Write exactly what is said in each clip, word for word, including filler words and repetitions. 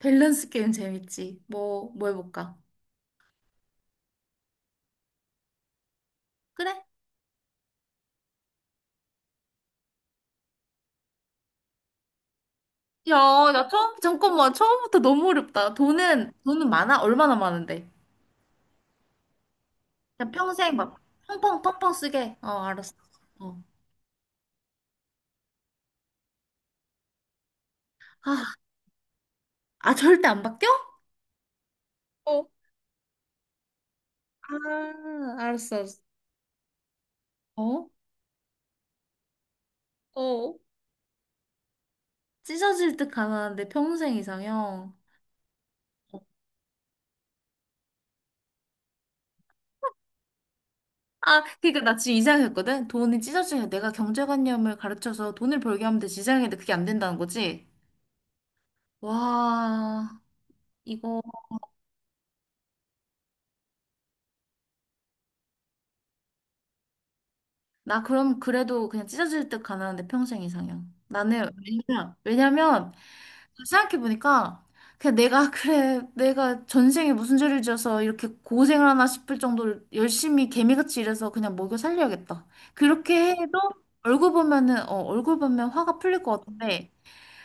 밸런스 게임 재밌지. 뭐, 뭐 해볼까? 그래? 야, 나 처음, 잠깐만. 처음부터 너무 어렵다. 돈은, 돈은 많아? 얼마나 많은데? 그냥 평생 막 펑펑, 펑펑 쓰게. 어, 알았어. 어. 아, 아, 절대 안 바뀌어? 어, 아, 알았어, 알았어. 어? 어. 찢어질 듯 가난한데 평생 이상형. 아, 그니까 나 지금 이상했거든? 돈이 찢어지면 내가 경제관념을 가르쳐서 돈을 벌게 하면 되지. 이상했는데 그게 안 된다는 거지? 와, 이거. 나 그럼 그래도 그냥 찢어질 듯 가난한데 평생 이상형. 나는 왜냐, 왜냐면 생각해보니까 그냥 내가 그래 내가 전생에 무슨 죄를 지어서 이렇게 고생을 하나 싶을 정도로 열심히 개미같이 일해서 그냥 먹여 살려야겠다. 그렇게 해도 얼굴 보면은 어 얼굴 보면 화가 풀릴 것 같은데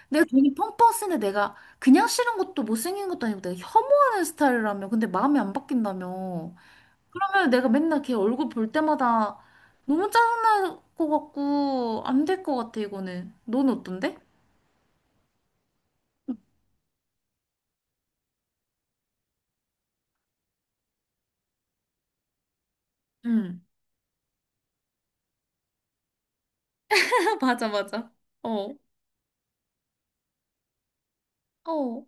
내가 돈이 펑펑 쓰는데 내가 그냥 싫은 것도 못생긴 것도 아니고 내가 혐오하는 스타일이라며 근데 마음이 안 바뀐다며 그러면 내가 맨날 걔 얼굴 볼 때마다 너무 짜증날 것 같고 안 될 것 같아 이거는. 넌 어떤데? 응. 맞아, 맞아. 어, 어.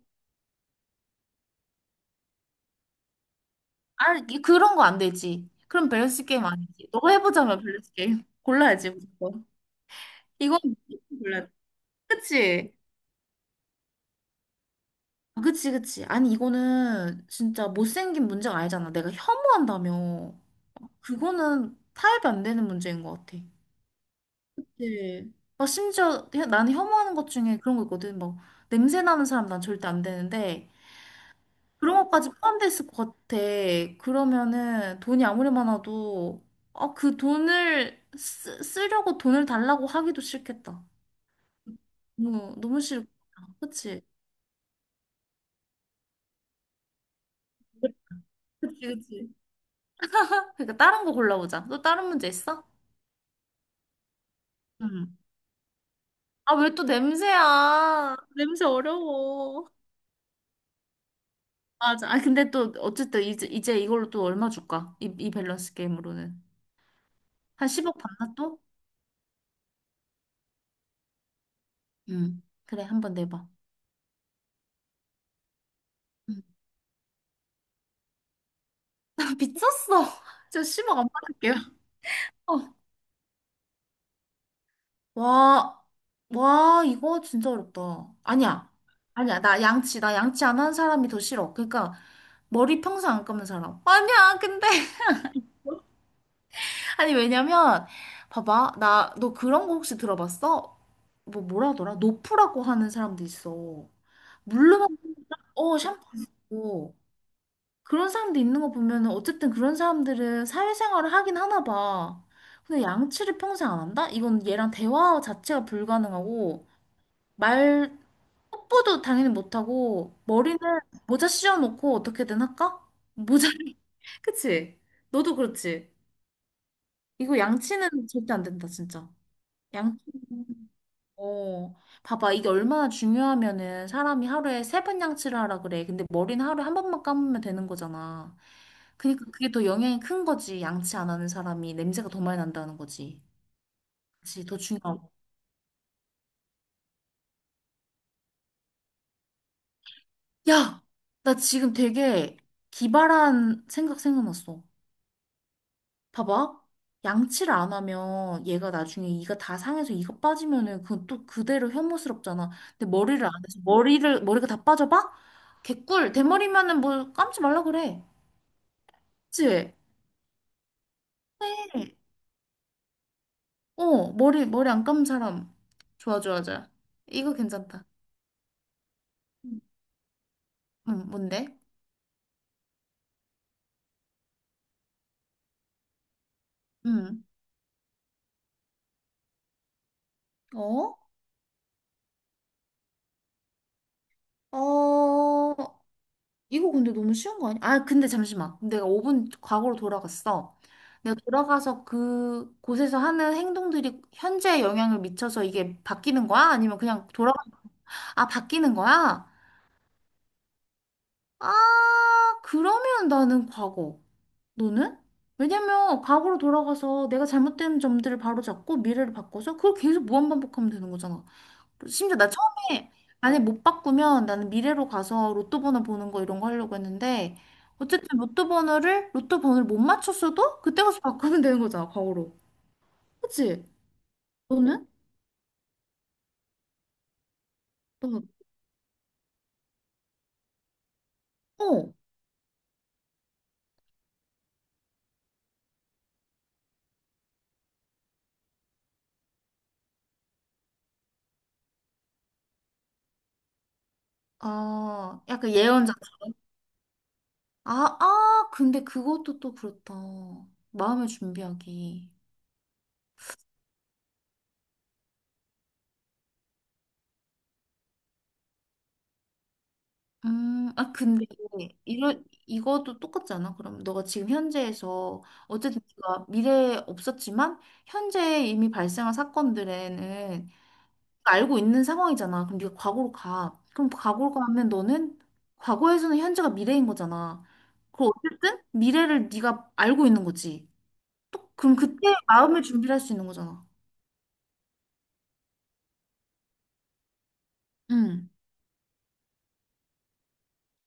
아, 이- 그런 거 안 되지. 그럼 밸런스 게임 아니지. 너가 해보자면 밸런스 게임. 골라야지 무조건. 이건 무조건 골라야 돼. 그치? 아, 그치, 그치. 아니, 이거는 진짜 못생긴 문제가 아니잖아. 내가 혐오한다며. 그거는 타협이 안 되는 문제인 것 같아. 네. 막 심지어 혀- 나는 혐오하는 것 중에 그런 거 있거든. 막 냄새 나는 사람 난 절대 안 되는데 그런 것까지 포함돼 있을 것 같아. 그러면은 돈이 아무리 많아도 아, 그 돈을 쓰, 쓰려고 돈을 달라고 하기도 싫겠다. 너무 너무 싫다. 그치? 그치, 그치. 그러니까 다른 거 골라보자. 또 다른 문제 있어? 응. 아, 왜 또 냄새야? 냄새 어려워. 맞아. 아, 근데 또, 어쨌든 이제, 이제 이걸로 또 얼마 줄까? 이, 이 밸런스 게임으로는. 한 십억 받나 또? 응. 그래, 한 번 내봐. 응. 나 미쳤어. 저 십억 안 받을게요. 어. 와, 와, 이거 진짜 어렵다. 아니야. 아니야. 나 양치, 나 양치 안 하는 사람이 더 싫어. 그러니까, 머리 평생 안 감는 사람. 아니야, 근데. 아니, 왜냐면, 봐봐. 나, 너 그런 거 혹시 들어봤어? 뭐, 뭐라 하더라? 노프라고 하는 사람도 있어. 물로만 어, 샴푸 안 쓰고. 그런 사람도 있는 거 보면은 어쨌든 그런 사람들은 사회생활을 하긴 하나 봐. 근데 양치를 평생 안 한다? 이건 얘랑 대화 자체가 불가능하고, 말, 뽀뽀도 당연히 못하고, 머리는 모자 씌워놓고 어떻게든 할까? 모자를, 그치? 너도 그렇지? 이거 양치는 절대 안 된다, 진짜. 양치, 어, 봐봐. 이게 얼마나 중요하면은 사람이 하루에 세 번 양치를 하라 그래. 근데 머리는 하루에 한 번만 감으면 되는 거잖아. 그러니까 그게 더 영향이 큰 거지. 양치 안 하는 사람이 냄새가 더 많이 난다는 거지. 그치, 더 중요하고. 야! 나 지금 되게 기발한 생각 생각났어. 봐봐. 양치를 안 하면 얘가 나중에 이가 다 상해서 이가 빠지면은 그건 또 그대로 혐오스럽잖아. 근데 머리를 안 해서 머리를, 머리가 다 빠져봐? 개꿀. 대머리면은 뭐 감지 말라 그래. 그치? 어, 머리, 머리 안 감은 사람. 좋아, 좋아, 좋아. 이거 괜찮다. 응, 응, 뭔데? 응. 어? 어, 이거 근데 너무 쉬운 거 아니야? 아, 근데 잠시만. 내가 오 분 과거로 돌아갔어. 내가 돌아가서 그 곳에서 하는 행동들이 현재에 영향을 미쳐서 이게 바뀌는 거야? 아니면 그냥 돌아, 아, 바뀌는 거야? 아, 그러면 나는 과거. 너는? 왜냐면 과거로 돌아가서 내가 잘못된 점들을 바로잡고 미래를 바꿔서 그걸 계속 무한반복하면 되는 거잖아. 심지어 나 처음에 만약 못 바꾸면 나는 미래로 가서 로또 번호 보는 거 이런 거 하려고 했는데 어쨌든 로또 번호를 로또 번호를 못 맞췄어도 그때 가서 바꾸면 되는 거잖아 과거로 그치? 너는? 너는? 어. 아 약간 예언자처럼 아, 아 근데 그것도 또 그렇다 마음을 준비하기 음, 아, 근데, 이런, 이것도 똑같지 않아? 그럼 너가 지금 현재에서, 어쨌든 네가 미래에 없었지만, 현재에 이미 발생한 사건들에는 알고 있는 상황이잖아. 그럼 네가 과거로 가. 그럼 과거로 가면 너는, 과거에서는 현재가 미래인 거잖아. 그럼 어쨌든, 미래를 네가 알고 있는 거지. 또, 그럼 그때 마음을 준비할 수 있는 거잖아. 응.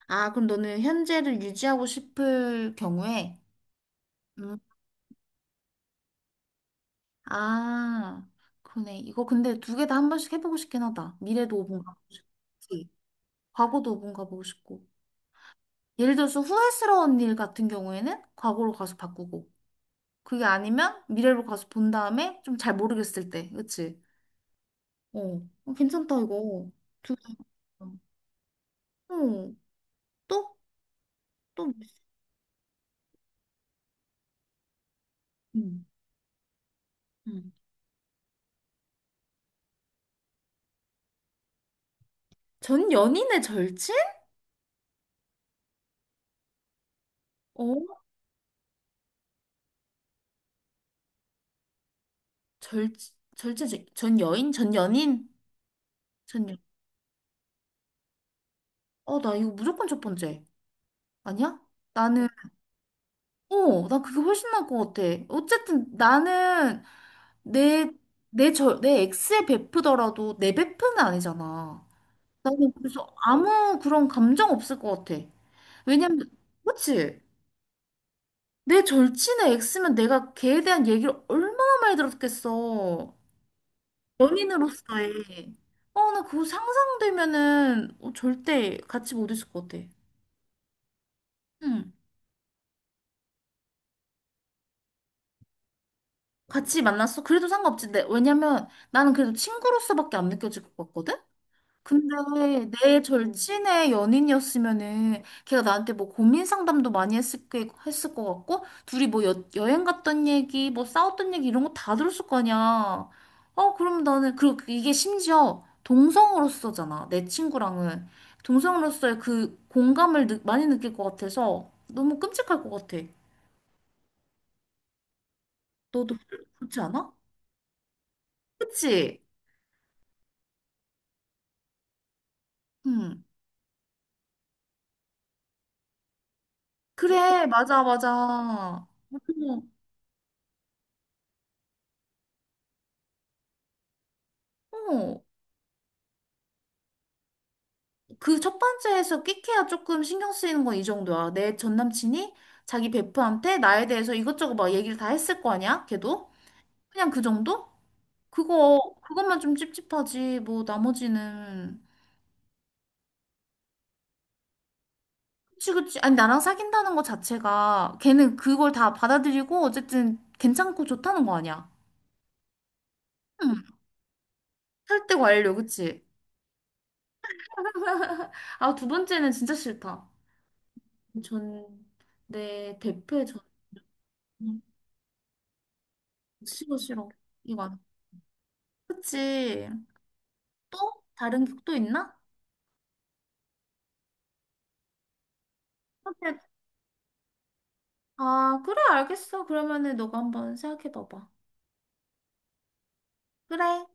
아, 그럼 너는 현재를 유지하고 싶을 경우에, 아, 그러네. 이거 근데 두 개 다 한 번씩 해보고 싶긴 하다. 미래도 오 분 가보고 싶고, 그치? 과거도 오 분 가보고 싶고. 예를 들어서 후회스러운 일 같은 경우에는 과거로 가서 바꾸고, 그게 아니면 미래로 가서 본 다음에 좀 잘 모르겠을 때, 그치? 어, 어, 괜찮다, 이거. 두 개. 어, 어, 또? 또? 뭐 있어? 음. 음. 전 연인의 절친? 어? 절, 절친, 전 여인? 전 연인? 전, 여- 어, 나 이거 무조건 첫 번째. 아니야? 나는 어, 난 그게 훨씬 나을 것 같아. 어쨌든 나는 내, 내 저, 내 X에 베프더라도 내 베프는 아니잖아. 나는 그래서 아무 그런 감정 없을 것 같아. 왜냐면, 그치? 내 절친의 X면 내가 걔에 대한 얘기를 얼마나 많이 들었겠어. 연인으로서의. 어, 나 그거 상상되면은 어, 절대 같이 못 있을 것 같아. 응. 같이 만났어? 그래도 상관없지. 내- 왜냐면 나는 그래도 친구로서밖에 안 느껴질 것 같거든? 근데 내 응. 절친의 연인이었으면은 걔가 나한테 뭐 고민 상담도 많이 했을 게 했을 것 같고 둘이 뭐 여, 여행 갔던 얘기 뭐 싸웠던 얘기 이런 거 다 들었을 거 아니야. 어 그럼 나는 그리고 이게 심지어 동성으로서잖아 내 친구랑은 동성으로서의 그 공감을 느, 많이 느낄 것 같아서 너무 끔찍할 것 같아. 너도 그렇지 않아? 그치? 응. 그래 맞아 맞아. 어. 어. 그 첫 번째에서 끽해야 조금 신경 쓰이는 건 이 정도야. 내 전 남친이 자기 베프한테 나에 대해서 이것저것 막 얘기를 다 했을 거 아니야? 걔도? 그냥 그 정도? 그거, 그것만 좀 찝찝하지. 뭐, 나머지는. 그치, 그치. 아니, 나랑 사귄다는 거 자체가 걔는 그걸 다 받아들이고 어쨌든 괜찮고 좋다는 거 아니야. 응. 설득 완료, 그치? 아, 두 번째는 진짜 싫다. 전, 내 대표의 전, 음, 싫어, 싫어. 이거 안. 그치. 또? 다른 곡도 있나? 근데, 아, 그래, 알겠어. 그러면은 너가 한번 생각해 봐봐. 그래,